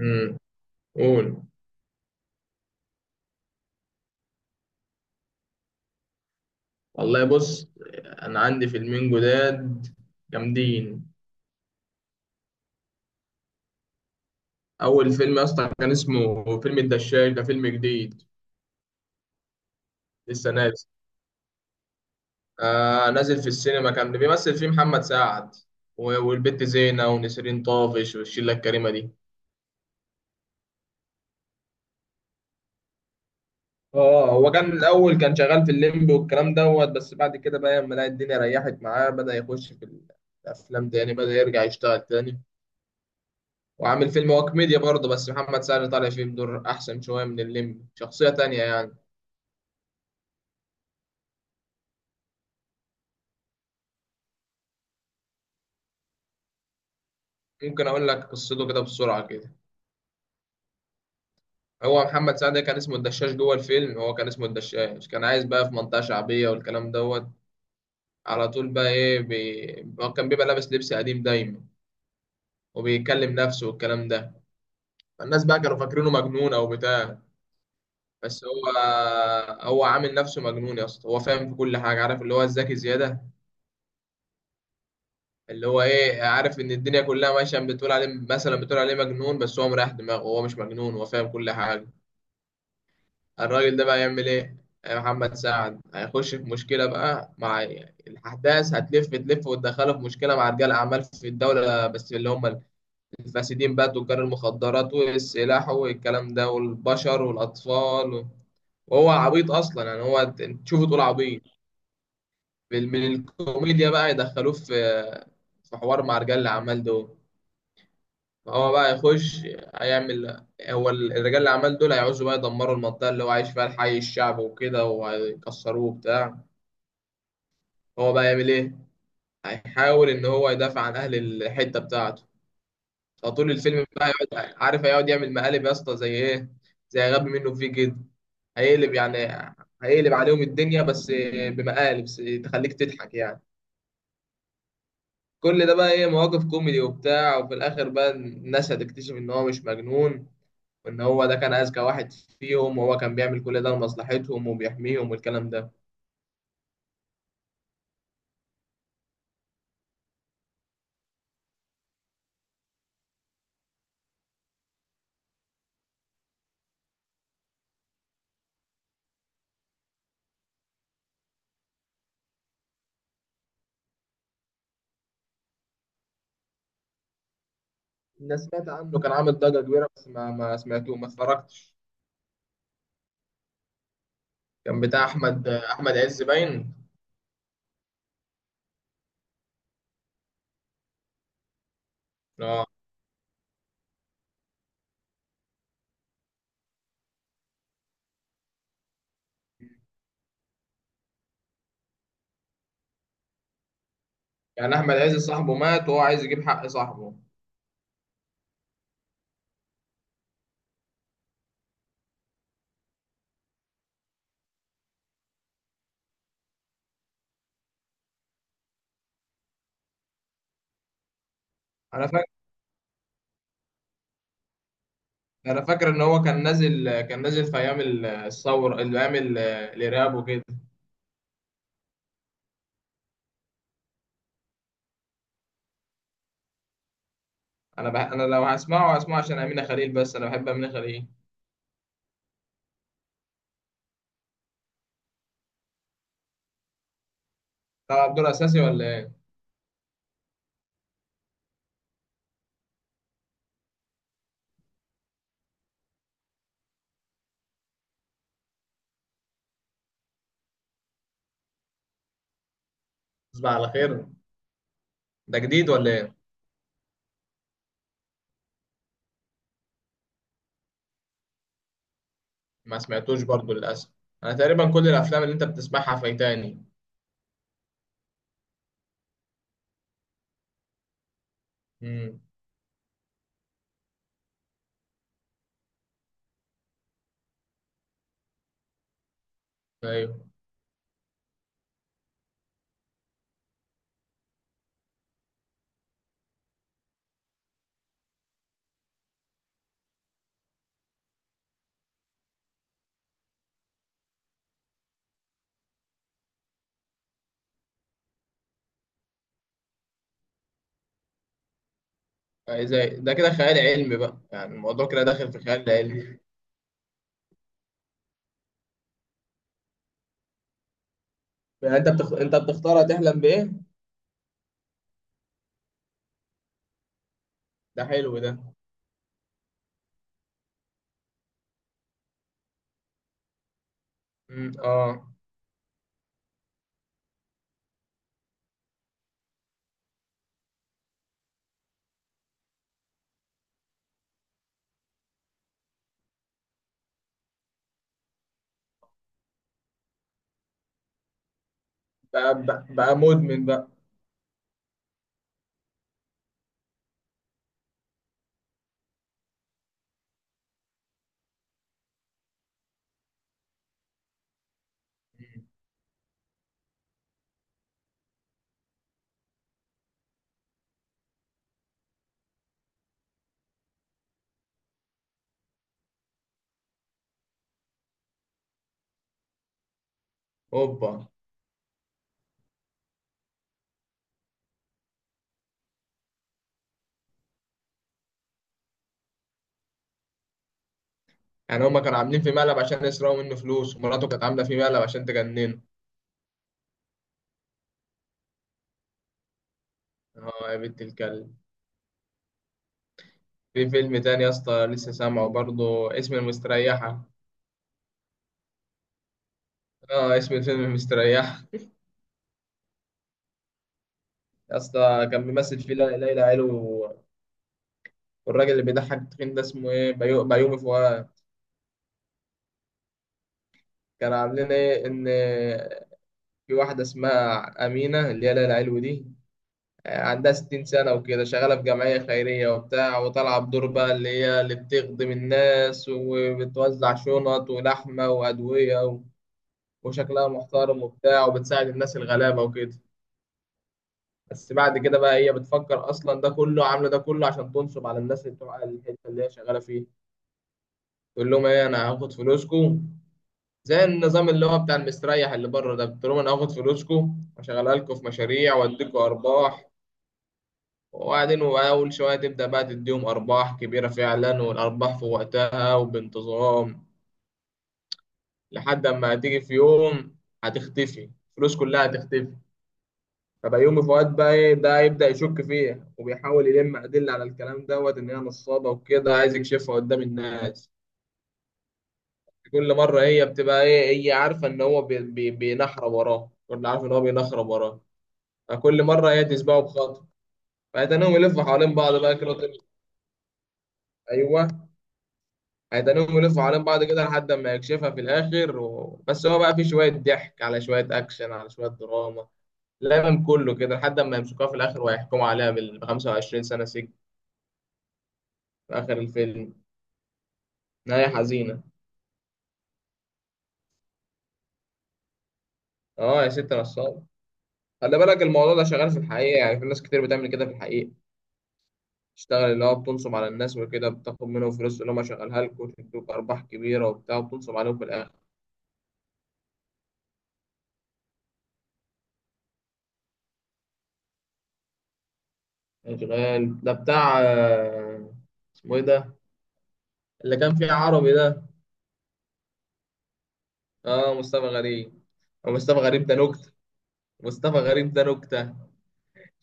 امم قول. والله بص، انا عندي فيلمين جداد جامدين. اول فيلم يا اسطى كان اسمه فيلم الدشاش، ده فيلم جديد لسه نازل. آه نازل في السينما، كان بيمثل فيه محمد سعد والبت زينة ونسرين طافش والشلة الكريمة دي. اه هو كان الاول كان شغال في الليمبي والكلام دوت، بس بعد كده بقى لما لقى الدنيا ريحت معاه بدأ يخش في الافلام تاني، بدأ يرجع يشتغل تاني. وعامل فيلم هو كوميديا برضه، بس محمد سعد طالع فيه بدور أحسن شوية من الليمبي، شخصية تانية يعني. ممكن أقول لك قصته كده بسرعة كده. هو محمد سعد كان اسمه الدشاش جوه الفيلم، هو كان اسمه الدشاش، كان عايز بقى في منطقة شعبية والكلام دوت. على طول بقى هو كان بيبقى لابس لبس قديم دايما وبيكلم نفسه والكلام ده. الناس بقى كانوا فاكرينه مجنون أو بتاع، بس هو عامل نفسه مجنون يا اسطى، هو فاهم في كل حاجة، عارف اللي هو الذكي زيادة، اللي هو ايه، عارف ان الدنيا كلها ماشيه بتقول عليه مثلا بتقول عليه مجنون، بس هو مريح دماغه، هو مش مجنون، هو فاهم كل حاجه. الراجل ده بقى يعمل ايه؟ يا محمد سعد هيخش في مشكله بقى مع الاحداث، هتلف تلف وتدخله في مشكله مع رجال اعمال في الدوله، بس اللي هم الفاسدين بقى، تجار المخدرات والسلاح والكلام ده والبشر والاطفال و... وهو عبيط اصلا يعني، هو تشوفه تقول عبيط. من الكوميديا بقى يدخلوه في في حوار مع رجال الاعمال دول. هو بقى يخش، هيعمل، هو الرجال اللي عمال دول هيعوزوا بقى يدمروا المنطقة اللي هو عايش فيها الحي الشعبي وكده، وهيكسروه وبتاع. هو بقى يعمل ايه؟ هيحاول ان هو يدافع عن اهل الحتة بتاعته. فطول الفيلم بقى هيقعد، عارف، هيقعد يعمل مقالب يا اسطى، زي ايه؟ زي غبي منه فيه كده، هيقلب يعني، هيقلب عليهم الدنيا، بس بمقالب بس تخليك تضحك يعني. كل ده بقى ايه، مواقف كوميدي وبتاع، وفي الاخر بقى الناس هتكتشف ان هو مش مجنون، وان هو ده كان اذكى واحد فيهم، وهو كان بيعمل كل ده لمصلحتهم وبيحميهم والكلام ده. الناس سمعت عنه، كان عامل ضجة كبيرة، بس ما سمعته، ما اتفرجتش. كان بتاع احمد عز باين. اه، يعني احمد عز صاحبه مات وهو عايز يجيب حق صاحبه. انا فاكر انا فاكر ان هو كان نازل، كان نازل في ايام الثوره، ايام الارهاب وكده. انا لو هسمعه هسمعه عشان امينه خليل، بس انا بحب امينه خليل. طلع دور اساسي ولا ايه؟ تصبح على خير، ده جديد ولا ايه؟ ما سمعتوش برضو للأسف، أنا تقريبا كل الأفلام اللي أنت بتسمعها فايتاني. امم. أيوه. أي زي ده كده خيال علمي بقى، يعني الموضوع كده داخل في خيال علمي. يعني أنت بتختار هتحلم بإيه. ده حلو ده. امم، آه. بقى مدمن بقى. مم. أوبا. يعني هما كانوا عاملين في مقلب عشان يسرقوا منه فلوس ومراته كانت عاملة في مقلب عشان تجننه. آه يا بنت الكلب. في فيلم تاني يا اسطى لسه سامعه برضه، اسم المستريحة. آه اسم الفيلم المستريحة. يا اسطى كان بيمثل فيه ليلى علو والراجل اللي بيضحك التخين ده اسمه ايه، بيومي فؤاد. كان عاملين ايه، ان في واحده اسمها امينه اللي هي ليلى علو دي، آه، عندها 60 سنه وكده، شغاله في جمعيه خيريه وبتاع، وطالعه بدور بقى اللي هي اللي بتخدم الناس وبتوزع شنط ولحمه وادويه وشكلها محترم وبتاع، وبتساعد الناس الغلابه وكده. بس بعد كده بقى هي بتفكر اصلا، ده كله عامله ده كله عشان تنصب على الناس اللي بتوع الحته اللي هي شغاله فيها. يقول لهم ايه، انا هاخد فلوسكم، زي النظام اللي هو بتاع المستريح اللي بره ده، بتقول لهم انا هاخد فلوسكم واشغلها لكم في مشاريع واديكم ارباح. وبعدين اول شويه تبدا بقى تديهم ارباح كبيره فعلا، والارباح في وقتها وبانتظام، لحد اما هتيجي في يوم هتختفي الفلوس كلها، هتختفي. فبقى يومي فؤاد بقى ايه، ده يبدا يشك فيها وبيحاول يلم ادله على الكلام دوت ان هي نصابه وكده، عايز يكشفها قدام الناس. كل مرة هي بتبقى ايه، هي عارفة ان هو بي بي بينحرى وراه، كل عارفة ان هو بينحرى وراه، فكل مرة هي تسبقه بخطوة. فهيتنهم يلفوا حوالين بعض بقى كده طول. ايوه، هيتنهم يلفوا حوالين بعض كده لحد ما يكشفها في الاخر و... بس هو بقى فيه شوية ضحك على شوية اكشن على شوية دراما، لا من كله كده، لحد ما يمسكوها في الاخر ويحكموا عليها بال 25 سنة سجن في اخر الفيلم. نهاية حزينة. اه يا ست نصاب. خلي بالك الموضوع ده شغال في الحقيقة، يعني في ناس كتير بتعمل كده في الحقيقة، تشتغل اللي هو بتنصب على الناس وكده، بتاخد منهم فلوس اللي هم شغالها لك وتدوك أرباح كبيرة وبتاع، وبتنصب عليهم في الآخر. إشغال ده بتاع آه، اسمه إيه ده، اللي كان فيه عربي ده. آه مصطفى غريب. آه، مصطفى غريب ده نكتة. مصطفى غريب ده نكتة.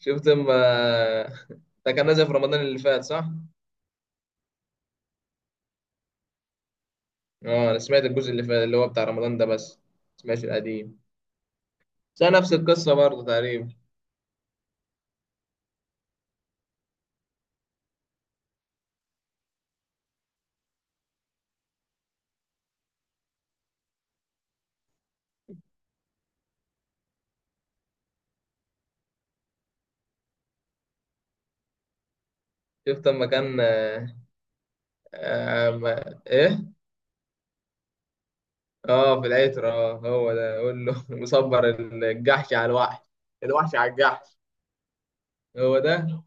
شفت ما ده كان نازل في رمضان اللي فات صح؟ آه أنا سمعت الجزء اللي فات اللي هو بتاع رمضان ده، بس ما سمعتش القديم، بس نفس القصة برضه تقريبا. شفت لما كان آه، آه، ما... إيه؟ اه في العتر، اه هو ده، قول له مصبر الجحش على الوحش، الوحش على الجحش. هو ده.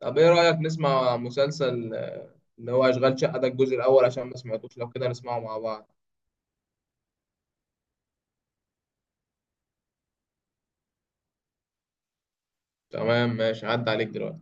طب ايه رأيك نسمع مسلسل آه، اللي هو اشغال شقة ده الجزء الاول، عشان ما سمعتوش لو كده نسمعه مع بعض. تمام ماشي، عدى عليك دلوقتي.